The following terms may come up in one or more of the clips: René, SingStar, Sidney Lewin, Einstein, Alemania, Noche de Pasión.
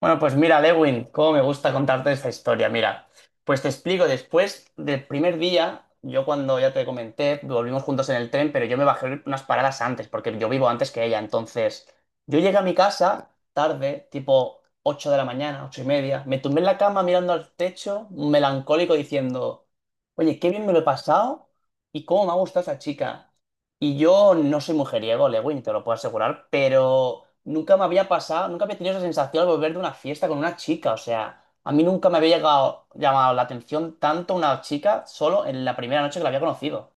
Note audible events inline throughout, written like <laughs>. Bueno, pues mira, Lewin, cómo me gusta contarte esta historia. Mira, pues te explico, después del primer día, yo cuando ya te comenté, volvimos juntos en el tren, pero yo me bajé unas paradas antes, porque yo vivo antes que ella. Entonces, yo llegué a mi casa tarde, tipo 8 de la mañana, 8:30, me tumbé en la cama mirando al techo, melancólico, diciendo, oye, qué bien me lo he pasado y cómo me ha gustado esa chica. Y yo no soy mujeriego, Lewin, te lo puedo asegurar, pero nunca me había pasado, nunca había tenido esa sensación al volver de una fiesta con una chica. O sea, a mí nunca me había llegado, llamado la atención tanto una chica solo en la primera noche que la había conocido.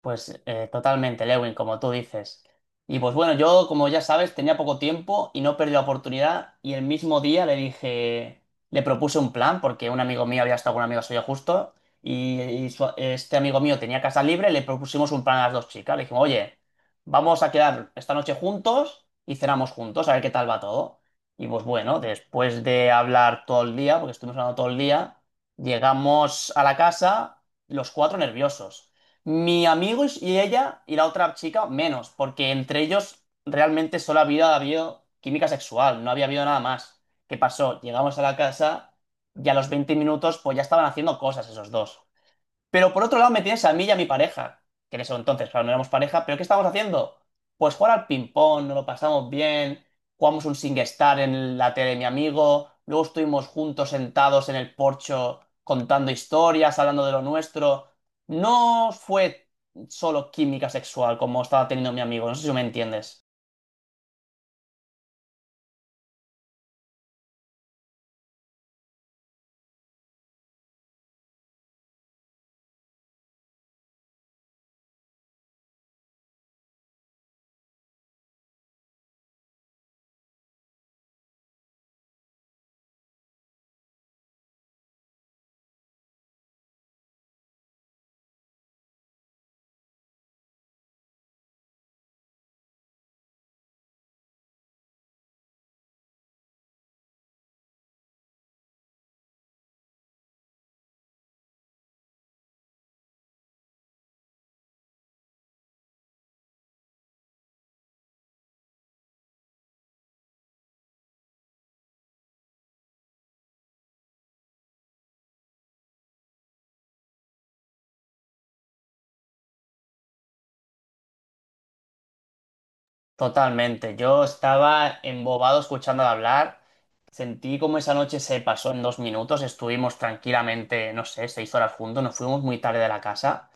Pues totalmente, Lewin, como tú dices. Y pues bueno, yo, como ya sabes, tenía poco tiempo y no perdí la oportunidad. Y el mismo día le dije, le propuse un plan, porque un amigo mío había estado con un amigo suyo justo, y este amigo mío tenía casa libre, le propusimos un plan a las dos chicas. Le dijimos, oye, vamos a quedar esta noche juntos y cenamos juntos, a ver qué tal va todo. Y pues bueno, después de hablar todo el día, porque estuvimos hablando todo el día, llegamos a la casa los cuatro nerviosos. Mi amigo y ella y la otra chica menos, porque entre ellos realmente solo había habido química sexual, no había habido nada más. ¿Qué pasó? Llegamos a la casa y a los 20 minutos pues ya estaban haciendo cosas esos dos. Pero por otro lado me tienes a mí y a mi pareja, que en eso entonces, claro, no éramos pareja, pero ¿qué estamos haciendo? Pues jugar al ping-pong, nos lo pasamos bien, jugamos un SingStar en la tele de mi amigo, luego estuvimos juntos sentados en el porcho contando historias, hablando de lo nuestro. No fue solo química sexual como estaba teniendo mi amigo, no sé si me entiendes. Totalmente. Yo estaba embobado escuchándola hablar. Sentí como esa noche se pasó en 2 minutos. Estuvimos tranquilamente, no sé, 6 horas juntos. Nos fuimos muy tarde de la casa.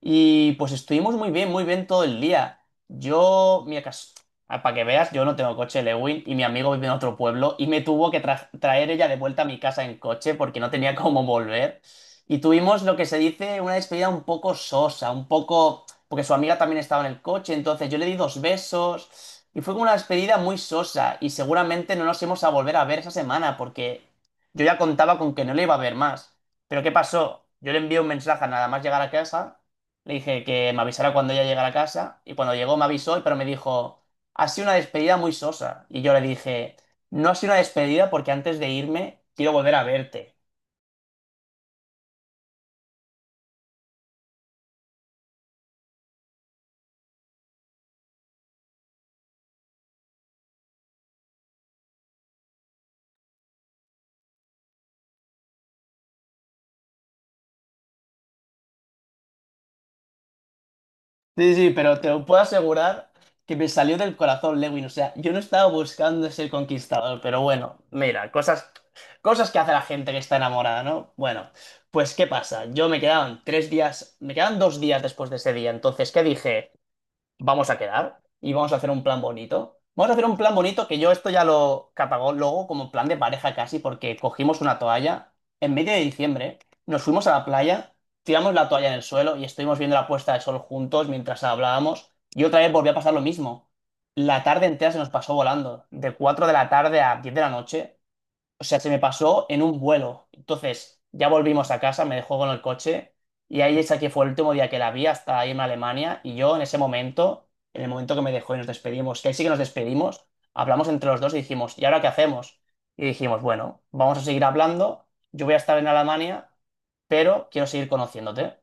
Y pues estuvimos muy bien todo el día. Yo, ah, para que veas, yo no tengo coche, Lewin, y mi amigo vive en otro pueblo y me tuvo que traer ella de vuelta a mi casa en coche porque no tenía <laughs> cómo volver. Y tuvimos lo que se dice una despedida un poco sosa, un poco, porque su amiga también estaba en el coche, entonces yo le di dos besos y fue como una despedida muy sosa y seguramente no nos íbamos a volver a ver esa semana porque yo ya contaba con que no le iba a ver más. Pero ¿qué pasó? Yo le envié un mensaje nada más llegar a casa. Le dije que me avisara cuando ella llegara a casa y cuando llegó me avisó, pero me dijo, ha sido una despedida muy sosa. Y yo le dije, no ha sido una despedida porque antes de irme quiero volver a verte. Sí, sí, pero te lo puedo asegurar que me salió del corazón, Lewin. O sea, yo no estaba buscando ser conquistador, pero bueno, mira, cosas, cosas que hace la gente que está enamorada, ¿no? Bueno, pues ¿qué pasa? Yo me quedaban 3 días, me quedaban 2 días después de ese día. Entonces, ¿qué dije? Vamos a quedar y vamos a hacer un plan bonito. Vamos a hacer un plan bonito que yo esto ya lo luego como plan de pareja casi, porque cogimos una toalla en medio de diciembre, nos fuimos a la playa, tiramos la toalla en el suelo y estuvimos viendo la puesta de sol juntos mientras hablábamos. Y otra vez volvió a pasar lo mismo. La tarde entera se nos pasó volando, de 4 de la tarde a 10 de la noche. O sea, se me pasó en un vuelo. Entonces, ya volvimos a casa, me dejó con el coche y ahí esa que fue el último día que la vi hasta irme a Alemania y yo en ese momento, en el momento que me dejó y nos despedimos, que ahí sí que nos despedimos, hablamos entre los dos y dijimos, ¿y ahora qué hacemos? Y dijimos, bueno, vamos a seguir hablando, yo voy a estar en Alemania, pero quiero seguir conociéndote.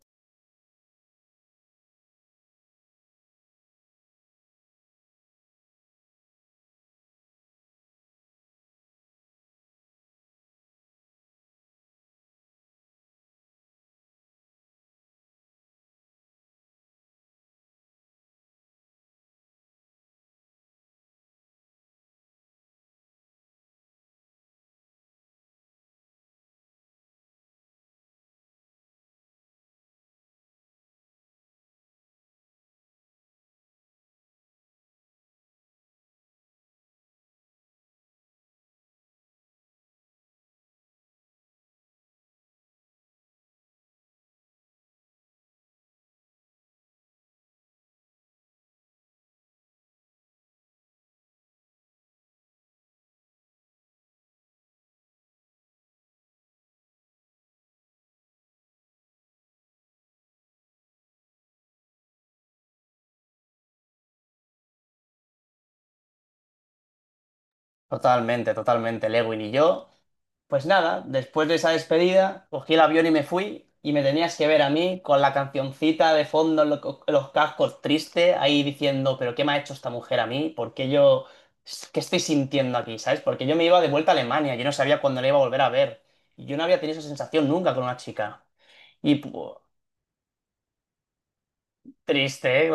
Totalmente, totalmente, Lewin y yo. Pues nada, después de esa despedida, cogí el avión y me fui y me tenías que ver a mí con la cancioncita de fondo en los cascos triste, ahí diciendo, pero ¿qué me ha hecho esta mujer a mí? ¿Por qué yo, qué estoy sintiendo aquí? ¿Sabes? Porque yo me iba de vuelta a Alemania, yo no sabía cuándo la iba a volver a ver. Y yo no había tenido esa sensación nunca con una chica. Y pu- Triste, ¿eh?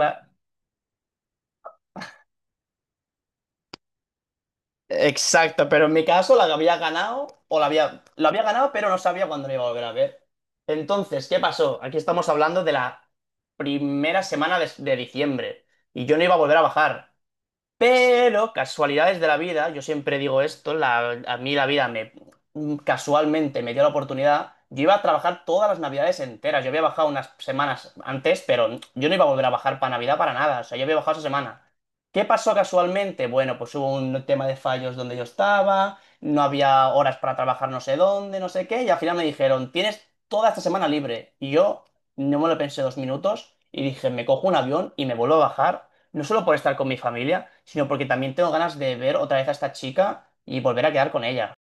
Exacto, pero en mi caso la había ganado, o la había, lo había ganado, pero no sabía cuándo lo iba a volver a ver. Entonces, ¿qué pasó? Aquí estamos hablando de la primera semana de diciembre y yo no iba a volver a bajar. Pero casualidades de la vida, yo siempre digo esto, a mí la vida me casualmente me dio la oportunidad. Yo iba a trabajar todas las navidades enteras. Yo había bajado unas semanas antes, pero yo no iba a volver a bajar para Navidad para nada. O sea, yo había bajado esa semana. ¿Qué pasó casualmente? Bueno, pues hubo un tema de fallos donde yo estaba, no había horas para trabajar no sé dónde, no sé qué, y al final me dijeron, tienes toda esta semana libre. Y yo no me lo pensé 2 minutos y dije, me cojo un avión y me vuelvo a bajar no solo por estar con mi familia, sino porque también tengo ganas de ver otra vez a esta chica y volver a quedar con ella.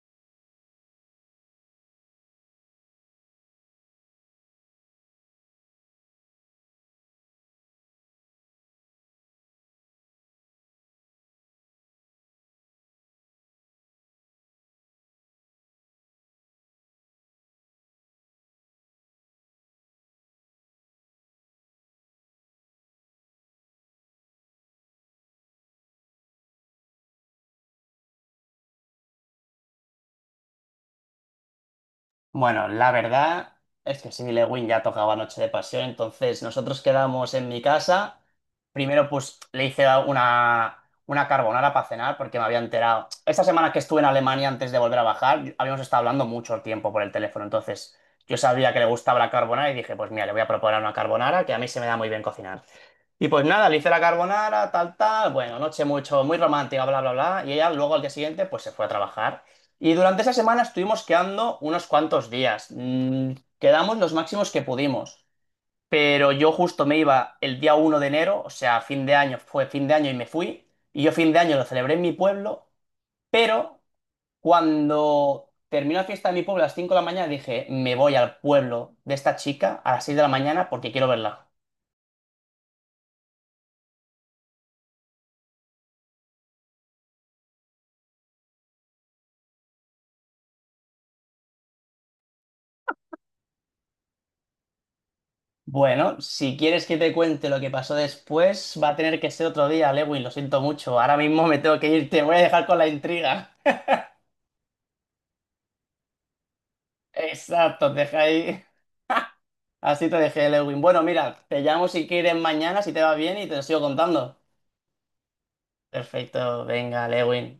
Bueno, la verdad es que Sidney Lewin ya tocaba Noche de Pasión, entonces nosotros quedamos en mi casa. Primero, pues le hice una carbonara para cenar porque me había enterado. Esta semana que estuve en Alemania antes de volver a bajar, habíamos estado hablando mucho tiempo por el teléfono, entonces yo sabía que le gustaba la carbonara y dije, pues mira, le voy a proponer una carbonara que a mí se me da muy bien cocinar. Y pues nada, le hice la carbonara, tal, tal, bueno, noche mucho, muy romántica, bla, bla, bla. Y ella luego al día siguiente pues se fue a trabajar. Y durante esa semana estuvimos quedando unos cuantos días. Quedamos los máximos que pudimos. Pero yo justo me iba el día 1 de enero, o sea, fin de año, fue fin de año y me fui. Y yo fin de año lo celebré en mi pueblo, pero cuando terminó la fiesta de mi pueblo a las 5 de la mañana dije, me voy al pueblo de esta chica a las 6 de la mañana porque quiero verla. Bueno, si quieres que te cuente lo que pasó después, va a tener que ser otro día, Lewin, lo siento mucho. Ahora mismo me tengo que ir, te voy a dejar con la intriga. <laughs> Exacto, te deja ahí. Así te dejé, Lewin. Bueno, mira, te llamo si quieres mañana, si te va bien, y te lo sigo contando. Perfecto, venga, Lewin.